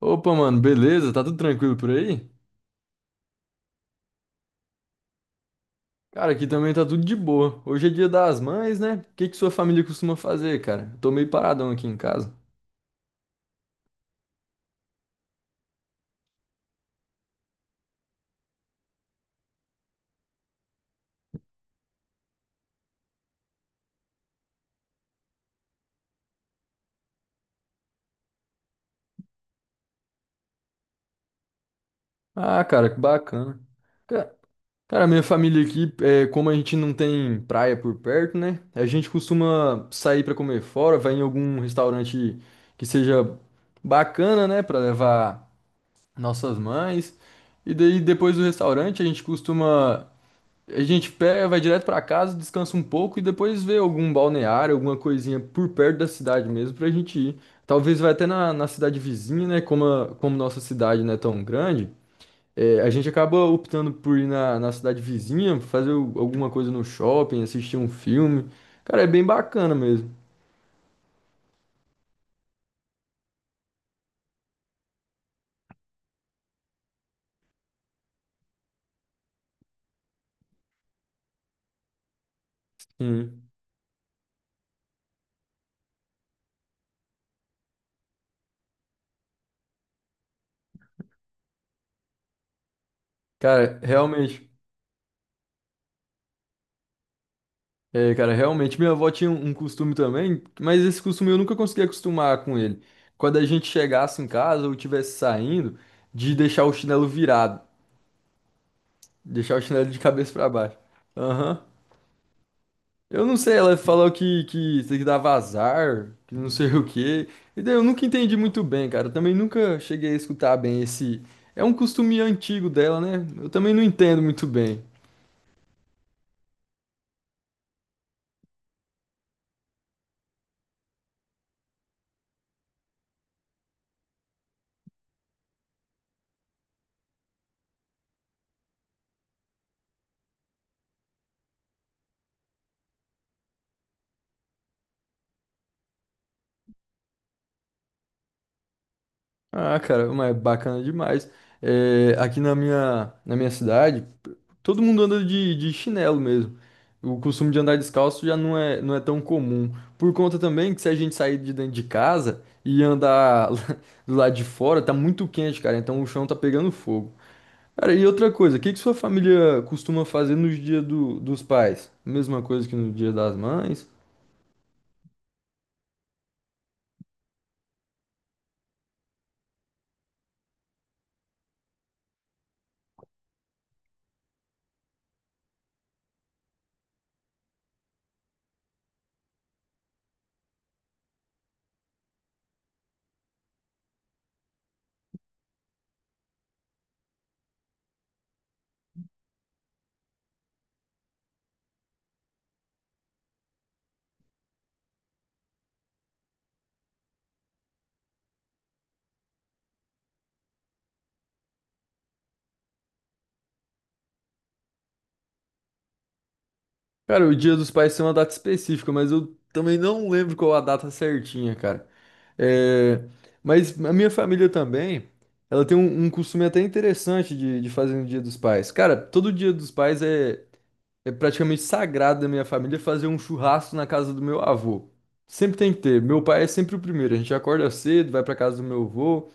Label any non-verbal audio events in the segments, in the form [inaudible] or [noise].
Opa, mano, beleza? Tá tudo tranquilo por aí? Cara, aqui também tá tudo de boa. Hoje é dia das mães, né? O que que sua família costuma fazer, cara? Eu tô meio paradão aqui em casa. Ah, cara, que bacana. Ca- Cara, minha família aqui, é, como a gente não tem praia por perto, né? A gente costuma sair pra comer fora, vai em algum restaurante que seja bacana, né? Pra levar nossas mães. E daí, depois do restaurante, a gente pega, vai direto pra casa, descansa um pouco e depois vê algum balneário, alguma coisinha por perto da cidade mesmo pra gente ir. Talvez vai até na cidade vizinha, né? Como nossa cidade não é tão grande, é, a gente acaba optando por ir na cidade vizinha, alguma coisa no shopping, assistir um filme. Cara, é bem bacana mesmo. Sim. Cara, realmente. É, cara, realmente minha avó tinha um costume também, mas esse costume eu nunca consegui acostumar com ele. Quando a gente chegasse em casa ou estivesse saindo, de deixar o chinelo virado, deixar o chinelo de [laughs] cabeça pra baixo. Aham. Eu não sei, ela falou que tem que dar vazar, que não sei [laughs] o quê. E daí eu nunca entendi muito bem, cara. Eu também nunca cheguei a escutar bem esse. É um costume antigo dela, né? Eu também não entendo muito bem. Ah, cara, mas é bacana demais. É, aqui na minha cidade, todo mundo anda de chinelo mesmo. O costume de andar descalço já não é, não é tão comum. Por conta também que se a gente sair de dentro de casa e andar [laughs] do lado de fora, tá muito quente, cara. Então o chão tá pegando fogo. Cara, e outra coisa, o que que sua família costuma fazer nos dias dos pais? Mesma coisa que no dia das mães? Cara, o dia dos pais tem uma data específica, mas eu também não lembro qual a data certinha, cara. É, mas a minha família também, ela tem um costume até interessante de fazer no Dia dos Pais. Cara, todo Dia dos Pais é, é praticamente sagrado da minha família fazer um churrasco na casa do meu avô. Sempre tem que ter. Meu pai é sempre o primeiro. A gente acorda cedo, vai pra casa do meu avô,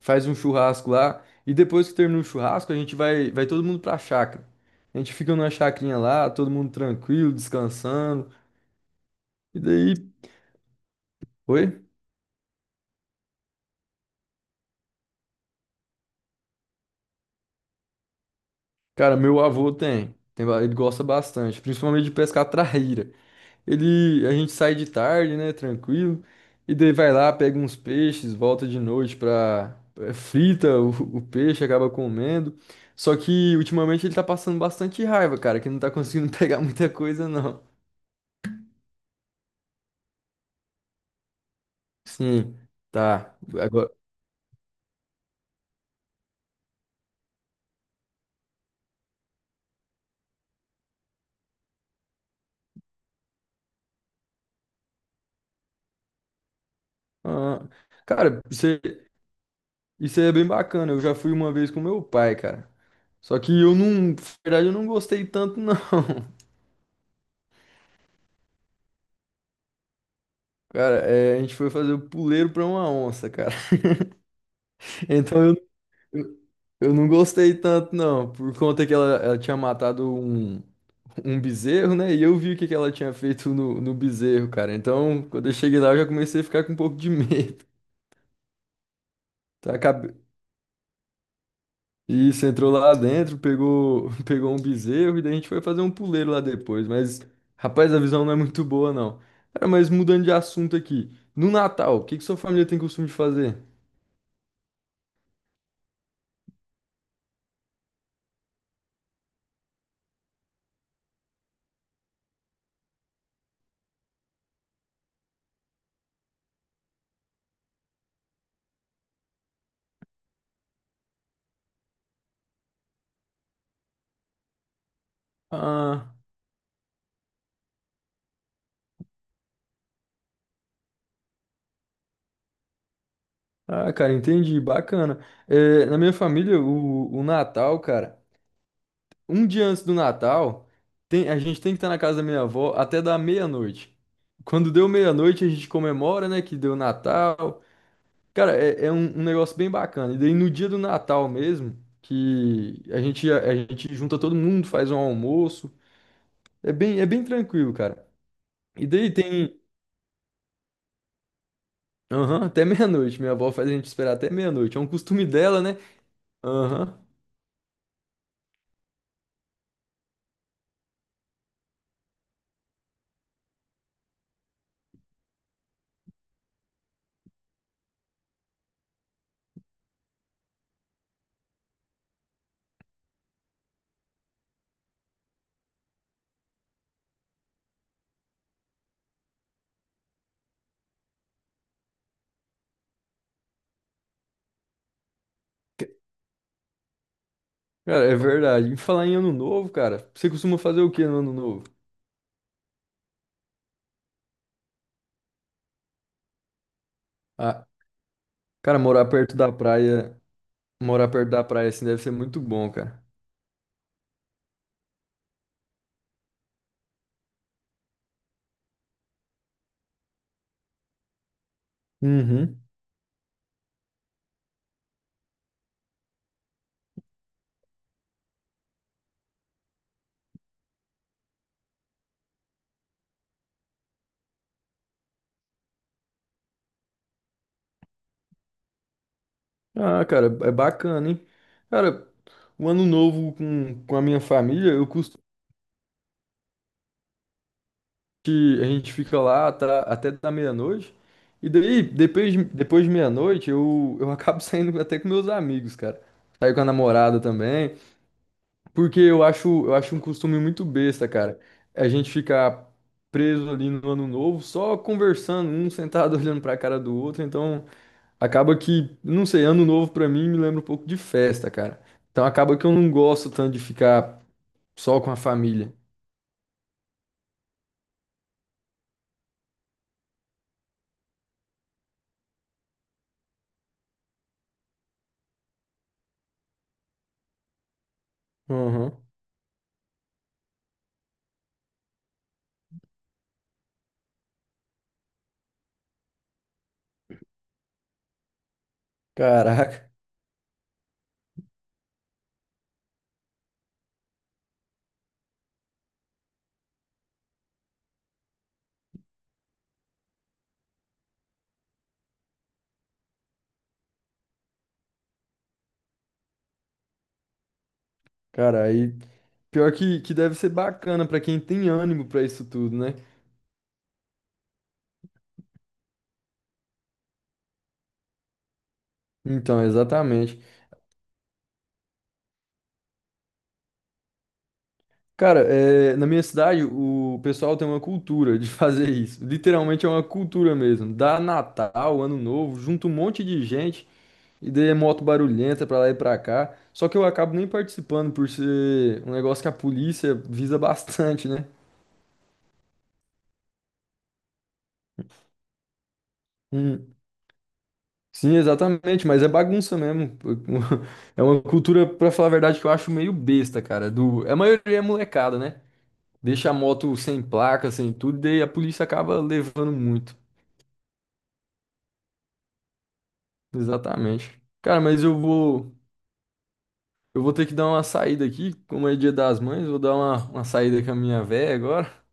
faz um churrasco lá. E depois que termina o churrasco, a gente vai todo mundo pra chácara. A gente fica numa chacrinha lá, todo mundo tranquilo, descansando. E daí. Oi? Cara, meu avô ele gosta bastante, principalmente de pescar traíra. Ele, a gente sai de tarde, né, tranquilo, e daí vai lá, pega uns peixes, volta de noite pra, frita o peixe, acaba comendo. Só que ultimamente ele tá passando bastante raiva, cara, que não tá conseguindo [laughs] pegar muita coisa, não. Sim, tá. Agora, ah, cara, isso é bem bacana. Eu já fui uma vez com meu pai, cara. Só que eu não, na verdade, eu não gostei tanto, não. [laughs] Cara, é, a gente foi fazer o puleiro pra uma onça, cara. [laughs] Então eu, eu eu não gostei tanto, não, por conta que ela tinha matado um, um bezerro, né? E eu vi o que, que ela tinha feito no bezerro, cara. Então, quando eu cheguei lá, eu já comecei a ficar com um pouco de medo. [laughs] Tá, Acabe- Isso, entrou lá dentro, pegou, [laughs] pegou um bezerro e daí a gente foi fazer um puleiro lá depois. Mas, rapaz, a visão não é muito boa, não. Cara, mas mudando de assunto aqui. No Natal, o que que sua família tem costume de fazer? Ah. Ah, cara, entendi, bacana. É, na minha família, o Natal, cara, um dia antes do Natal, a gente tem que estar na casa da minha avó até dar meia-noite. Quando deu meia-noite, a gente comemora, né, que deu Natal. Cara, é, é um negócio bem bacana. E daí no dia do Natal mesmo, que a gente, a gente junta todo mundo, faz um almoço. É bem tranquilo, cara. E daí tem, aham, até [laughs] meia-noite. Minha avó faz a gente esperar até meia-noite. É um costume dela, né? Aham. Cara, é verdade. E falar em ano novo, cara, você costuma fazer o que no ano novo? Ah, cara, morar perto da praia, morar perto da praia assim deve ser muito bom, cara. Uhum. Ah, cara, é bacana, hein? Cara, o ano novo com a minha família, eu costumo que a gente fica até da meia-noite. E daí, depois de meia-noite, eu acabo [laughs] saindo até com meus amigos, cara. Saio com a namorada também. Porque eu acho um costume muito besta, cara. A gente ficar preso ali no ano novo, só conversando, um sentado [laughs] olhando pra cara do outro. Então, acaba que, não sei, ano novo pra mim me lembra um pouco de festa, cara. Então, acaba que eu não gosto tanto de ficar só com a família. Uhum. Caraca, cara, aí pior que deve ser bacana pra quem tem ânimo pra isso tudo, né? Então, exatamente. Cara, é, na minha cidade o pessoal tem uma cultura de [laughs] fazer isso. Literalmente é uma cultura mesmo. Dá Natal, Ano Novo, junta um monte de gente e daí é moto barulhenta pra lá e pra cá. Só que eu acabo nem participando por ser um negócio que a polícia visa bastante, né? Hum. Sim, exatamente, mas é bagunça mesmo. [laughs] É uma cultura, pra falar a verdade, que eu acho meio besta, cara. Do... A maioria é molecada, né? Deixa a moto sem placa, sem tudo, e daí a polícia acaba levando muito. Exatamente. Cara, eu vou ter que dar uma saída aqui, como é dia das mães, vou dar uma saída com a minha véia agora.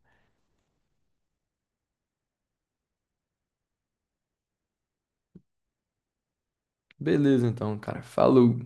Beleza, então, cara. Falou.